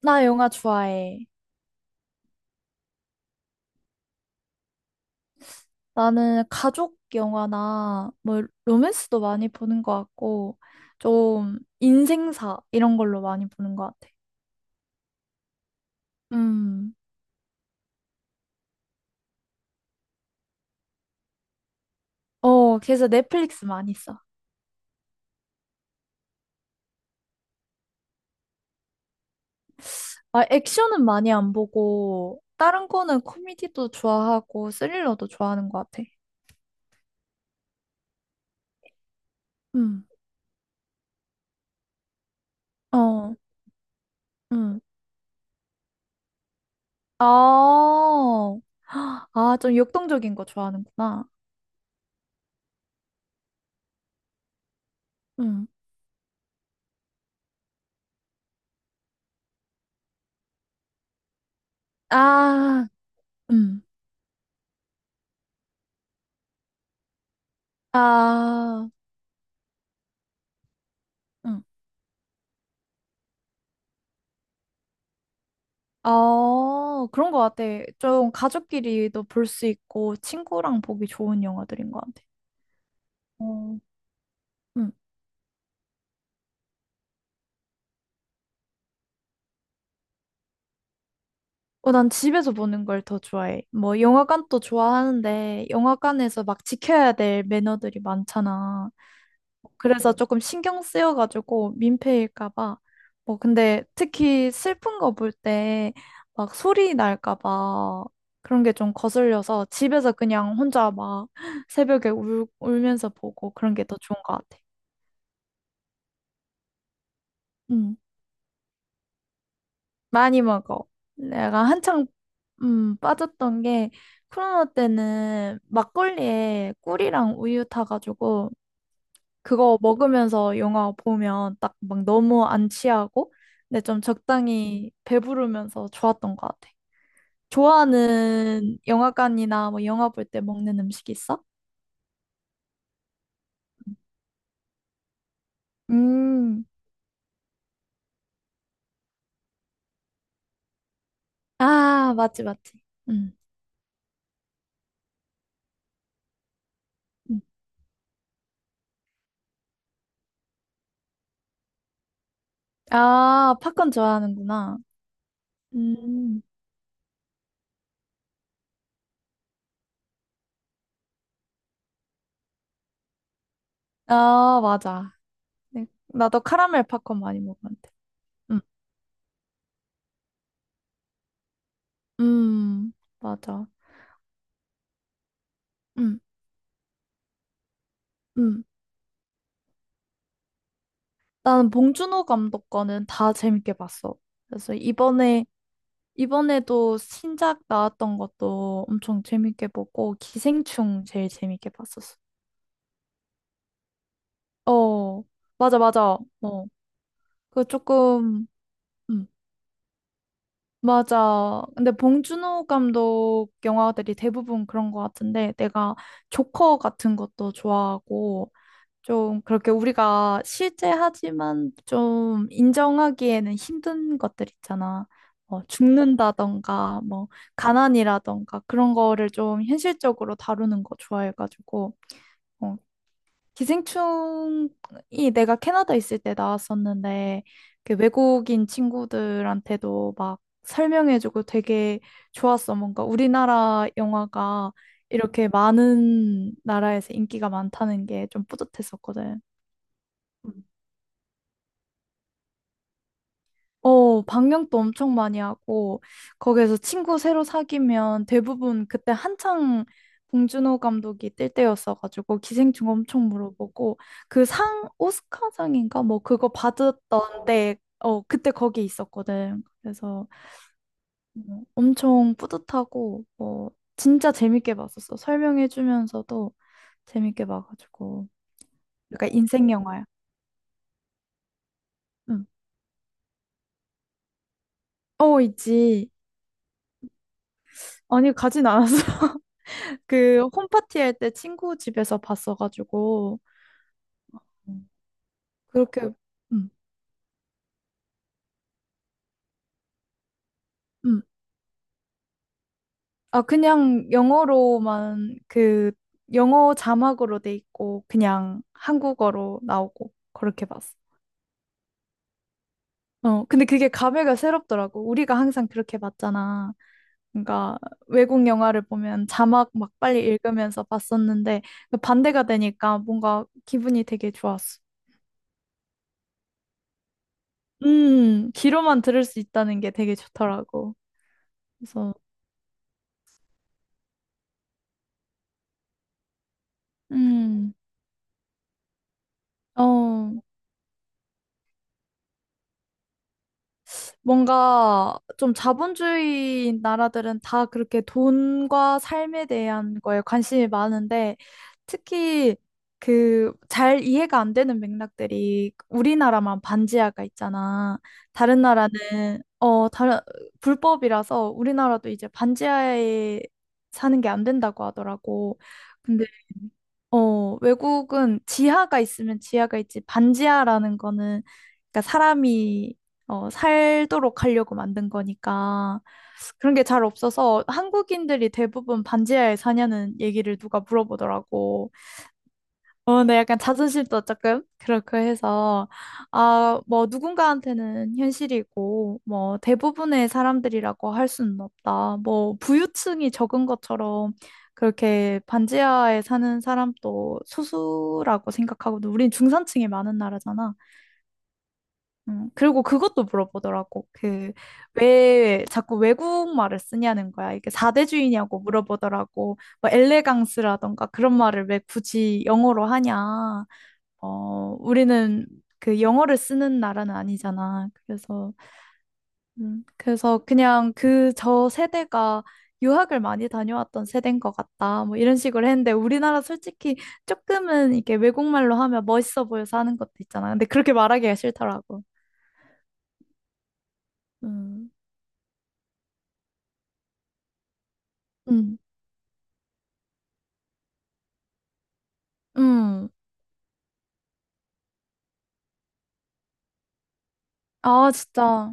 나 영화 좋아해. 나는 가족 영화나 뭐 로맨스도 많이 보는 것 같고 좀 인생사 이런 걸로 많이 보는 것 같아. 음. 어, 그래서 넷플릭스 많이 써. 아, 액션은 많이 안 보고 다른 거는 코미디도 좋아하고 스릴러도 좋아하는 것 같아. 음. 어. 음. 아. 아, 좀 역동적인 거 좋아하는구나. 음. 아. 음. 아. 음. 아, 그런 것 같아. 좀 가족끼리도 볼 수 있고 친구랑 보기 좋은 영화들인 것 같아. 어, 응. 어, 난 집에서 보는 걸 더 좋아해. 뭐 영화관도 좋아하는데 영화관에서 막 지켜야 될 매너들이 많잖아. 그래서 조금 신경 쓰여가지고 민폐일까 봐. 뭐 근데 특히 슬픈 거 볼 때 막 소리 날까 봐 그런 게 좀 거슬려서 집에서 그냥 혼자 막 새벽에 울면서 보고 그런 게 더 좋은 것 같아. 음, 많이 먹어. 내가 한창 빠졌던 게 코로나 때는 막걸리에 꿀이랑 우유 타가지고 그거 먹으면서 영화 보면 딱 막 너무 안 취하고 근데 좀 적당히 배부르면서 좋았던 것 같아. 좋아하는 영화관이나 뭐 영화 볼 때 먹는 음식 있어? 음, 아, 맞지, 맞지. 음. 음. 아, 팝콘 좋아하는구나. 음, 아, 맞아. 네. 나도 카라멜 팝콘 많이 먹었는데. 음, 음, 맞아. 음, 음. 나는 봉준호 감독 거는 다 재밌게 봤어. 그래서 이번에도 신작 나왔던 것도 엄청 재밌게 보고, 기생충 제일 재밌게 봤었어. 어, 맞아, 맞아. 어, 그 조금, 음, 맞아. 근데 봉준호 감독 영화들이 대부분 그런 것 같은데, 내가 조커 같은 것도 좋아하고, 좀 그렇게 우리가 실제 하지만 좀 인정하기에는 힘든 것들 있잖아. 뭐 죽는다던가 뭐 가난이라던가 그런 거를 좀 현실적으로 다루는 거 좋아해가지고 어, 기생충이 내가 캐나다 있을 때 나왔었는데 그 외국인 친구들한테도 막 설명해주고 되게 좋았어. 뭔가 우리나라 영화가 이렇게 많은 나라에서 인기가 많다는 게 좀 뿌듯했었거든. 어, 방영도 엄청 많이 하고, 거기에서 친구 새로 사귀면 대부분 그때 한창 봉준호 감독이 뜰 때였어가지고, 기생충 엄청 물어보고, 그 상, 오스카상인가? 뭐 그거 받았던 때, 어, 그때 거기 있었거든. 그래서 뭐 엄청 뿌듯하고, 뭐, 진짜 재밌게 봤었어. 설명해주면서도 재밌게 봐가지고. 약간 인생 영화야. 응. 어, 있지. 아니, 가진 않았어. 그 홈파티 할 때 친구 집에서 봤어가지고 음. 그렇게 음, 음. 아 그냥 영어로만 그 영어 자막으로 돼 있고 그냥 한국어로 나오고 그렇게 봤어. 어 근데 그게 감회가 새롭더라고. 우리가 항상 그렇게 봤잖아. 그러니까 외국 영화를 보면 자막 막 빨리 읽으면서 봤었는데 그 반대가 되니까 뭔가 기분이 되게 좋았어. 귀로만 들을 수 있다는 게 되게 좋더라고. 그래서 음. 어, 뭔가 좀 자본주의 나라들은 다 그렇게 돈과 삶에 대한 거에 관심이 많은데 특히 그 잘 이해가 안 되는 맥락들이 우리나라만 반지하가 있잖아. 다른 나라는 어 다른 불법이라서 우리나라도 이제 반지하에 사는 게 안 된다고 하더라고. 근데 어, 외국은 지하가 있으면 지하가 있지, 반지하라는 거는, 그러니까 사람이, 어, 살도록 하려고 만든 거니까, 그런 게 잘 없어서 한국인들이 대부분 반지하에 사냐는 얘기를 누가 물어보더라고. 어, 네, 약간 자존심도 조금 그렇고 해서, 아, 뭐, 누군가한테는 현실이고, 뭐, 대부분의 사람들이라고 할 수는 없다. 뭐, 부유층이 적은 것처럼 그렇게 반지하에 사는 사람도 소수라고 생각하고, 우린 중산층이 많은 나라잖아. 그리고 그것도 물어보더라고. 그, 왜 자꾸 외국말을 쓰냐는 거야. 이게 사대주의냐고 물어보더라고. 뭐, 엘레강스라던가 그런 말을 왜 굳이 영어로 하냐. 어, 우리는 그 영어를 쓰는 나라는 아니잖아. 그래서, 그래서 그냥 그 저 세대가 유학을 많이 다녀왔던 세대인 것 같다. 뭐 이런 식으로 했는데 우리나라 솔직히 조금은 이게 외국말로 하면 멋있어 보여서 하는 것도 있잖아. 근데 그렇게 말하기가 싫더라고. 음, 음, 음. 아, 진짜.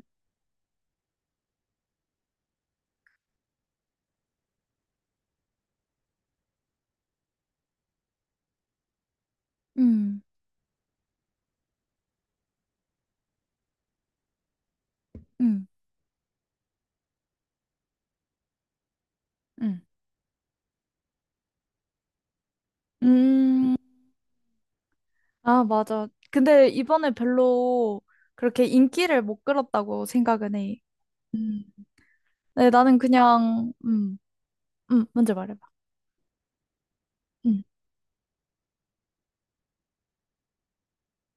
음, 음, 음. 음, 아, 맞아. 근데 이번에 별로 그렇게 인기를 못 끌었다고 생각은 해. 음. 네, 나는 그냥, 먼저 말해봐. 음,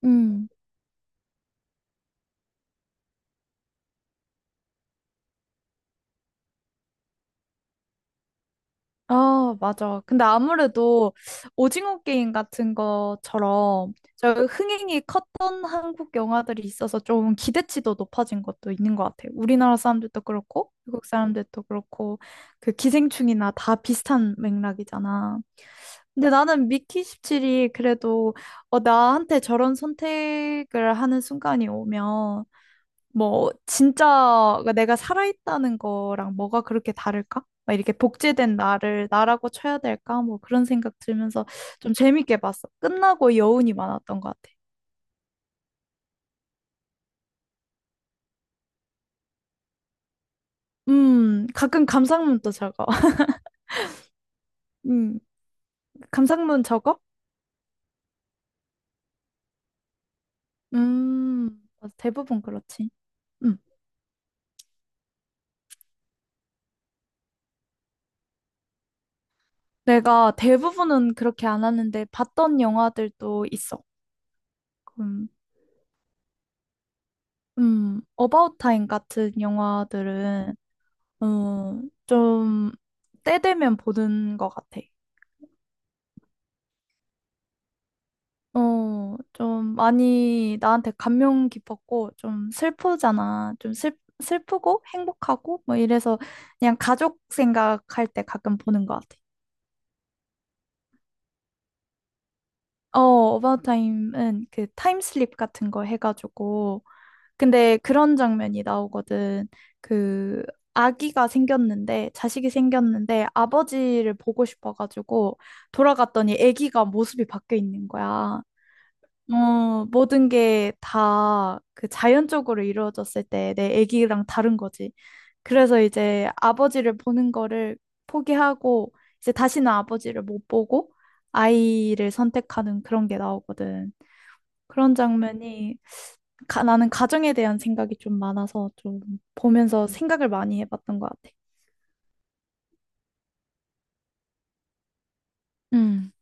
음. 아, 맞아. 근데 아무래도 오징어 게임 같은 것처럼 저 흥행이 컸던 한국 영화들이 있어서 좀 기대치도 높아진 것도 있는 것 같아요. 우리나라 사람들도 그렇고, 외국 사람들도 그렇고, 그 기생충이나 다 비슷한 맥락이잖아. 근데 나는 미키 17이 그래도 어, 나한테 저런 선택을 하는 순간이 오면 뭐 진짜 내가 살아있다는 거랑 뭐가 그렇게 다를까? 막 이렇게 복제된 나를 나라고 쳐야 될까? 뭐 그런 생각 들면서 좀 재밌게 봤어. 끝나고 여운이 많았던 것 같아. 가끔 감상문도 적어. 음, 감상문 적어? 맞아. 대부분 그렇지. 음, 내가 대부분은 그렇게 안 하는데 봤던 영화들도 있어. 음, 어바웃 타임 같은 영화들은 어, 좀, 때 되면 보는 것 같아. 어, 좀 많이 나한테 감명 깊었고, 좀 슬프잖아. 좀 슬프고 행복하고, 뭐 이래서 그냥 가족 생각할 때 가끔 보는 것 같아. 어, 어바웃 타임은 그 타임슬립 같은 거 해가지고, 근데 그런 장면이 나오거든. 그 아기가 생겼는데 자식이 생겼는데 아버지를 보고 싶어가지고 돌아갔더니 아기가 모습이 바뀌어 있는 거야. 어, 모든 게 다 그 자연적으로 이루어졌을 때 내 아기랑 다른 거지. 그래서 이제 아버지를 보는 거를 포기하고 이제 다시는 아버지를 못 보고 아이를 선택하는 그런 게 나오거든. 그런 장면이 나는 가정에 대한 생각이 좀 많아서 좀 보면서 생각을 많이 해봤던 것 같아. 음,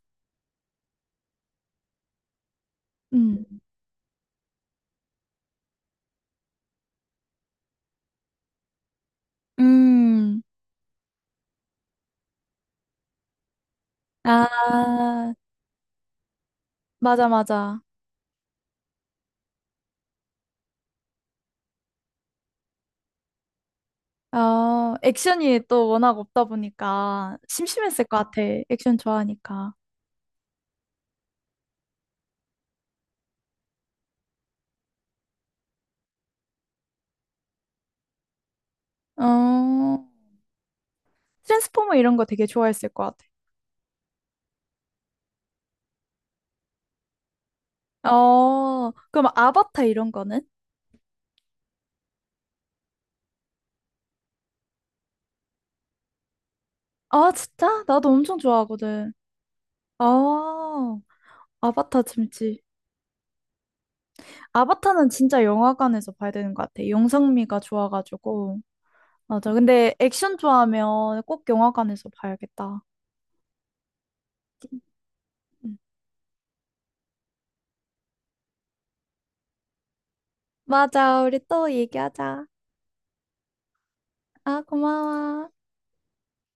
음. 음. 아, 맞아, 맞아. 어, 액션이 또 워낙 없다 보니까 심심했을 것 같아. 액션 좋아하니까. 어, 트랜스포머 이런 거 되게 좋아했을 것 같아. 어, 그럼 아바타 이런 거는? 아, 진짜? 나도 엄청 좋아하거든. 아, 아바타 재밌지. 아바타는 진짜 영화관에서 봐야 되는 것 같아. 영상미가 좋아가지고. 맞아. 근데 액션 좋아하면 꼭 영화관에서 봐야겠다. 응. 맞아. 우리 또 얘기하자. 아, 고마워.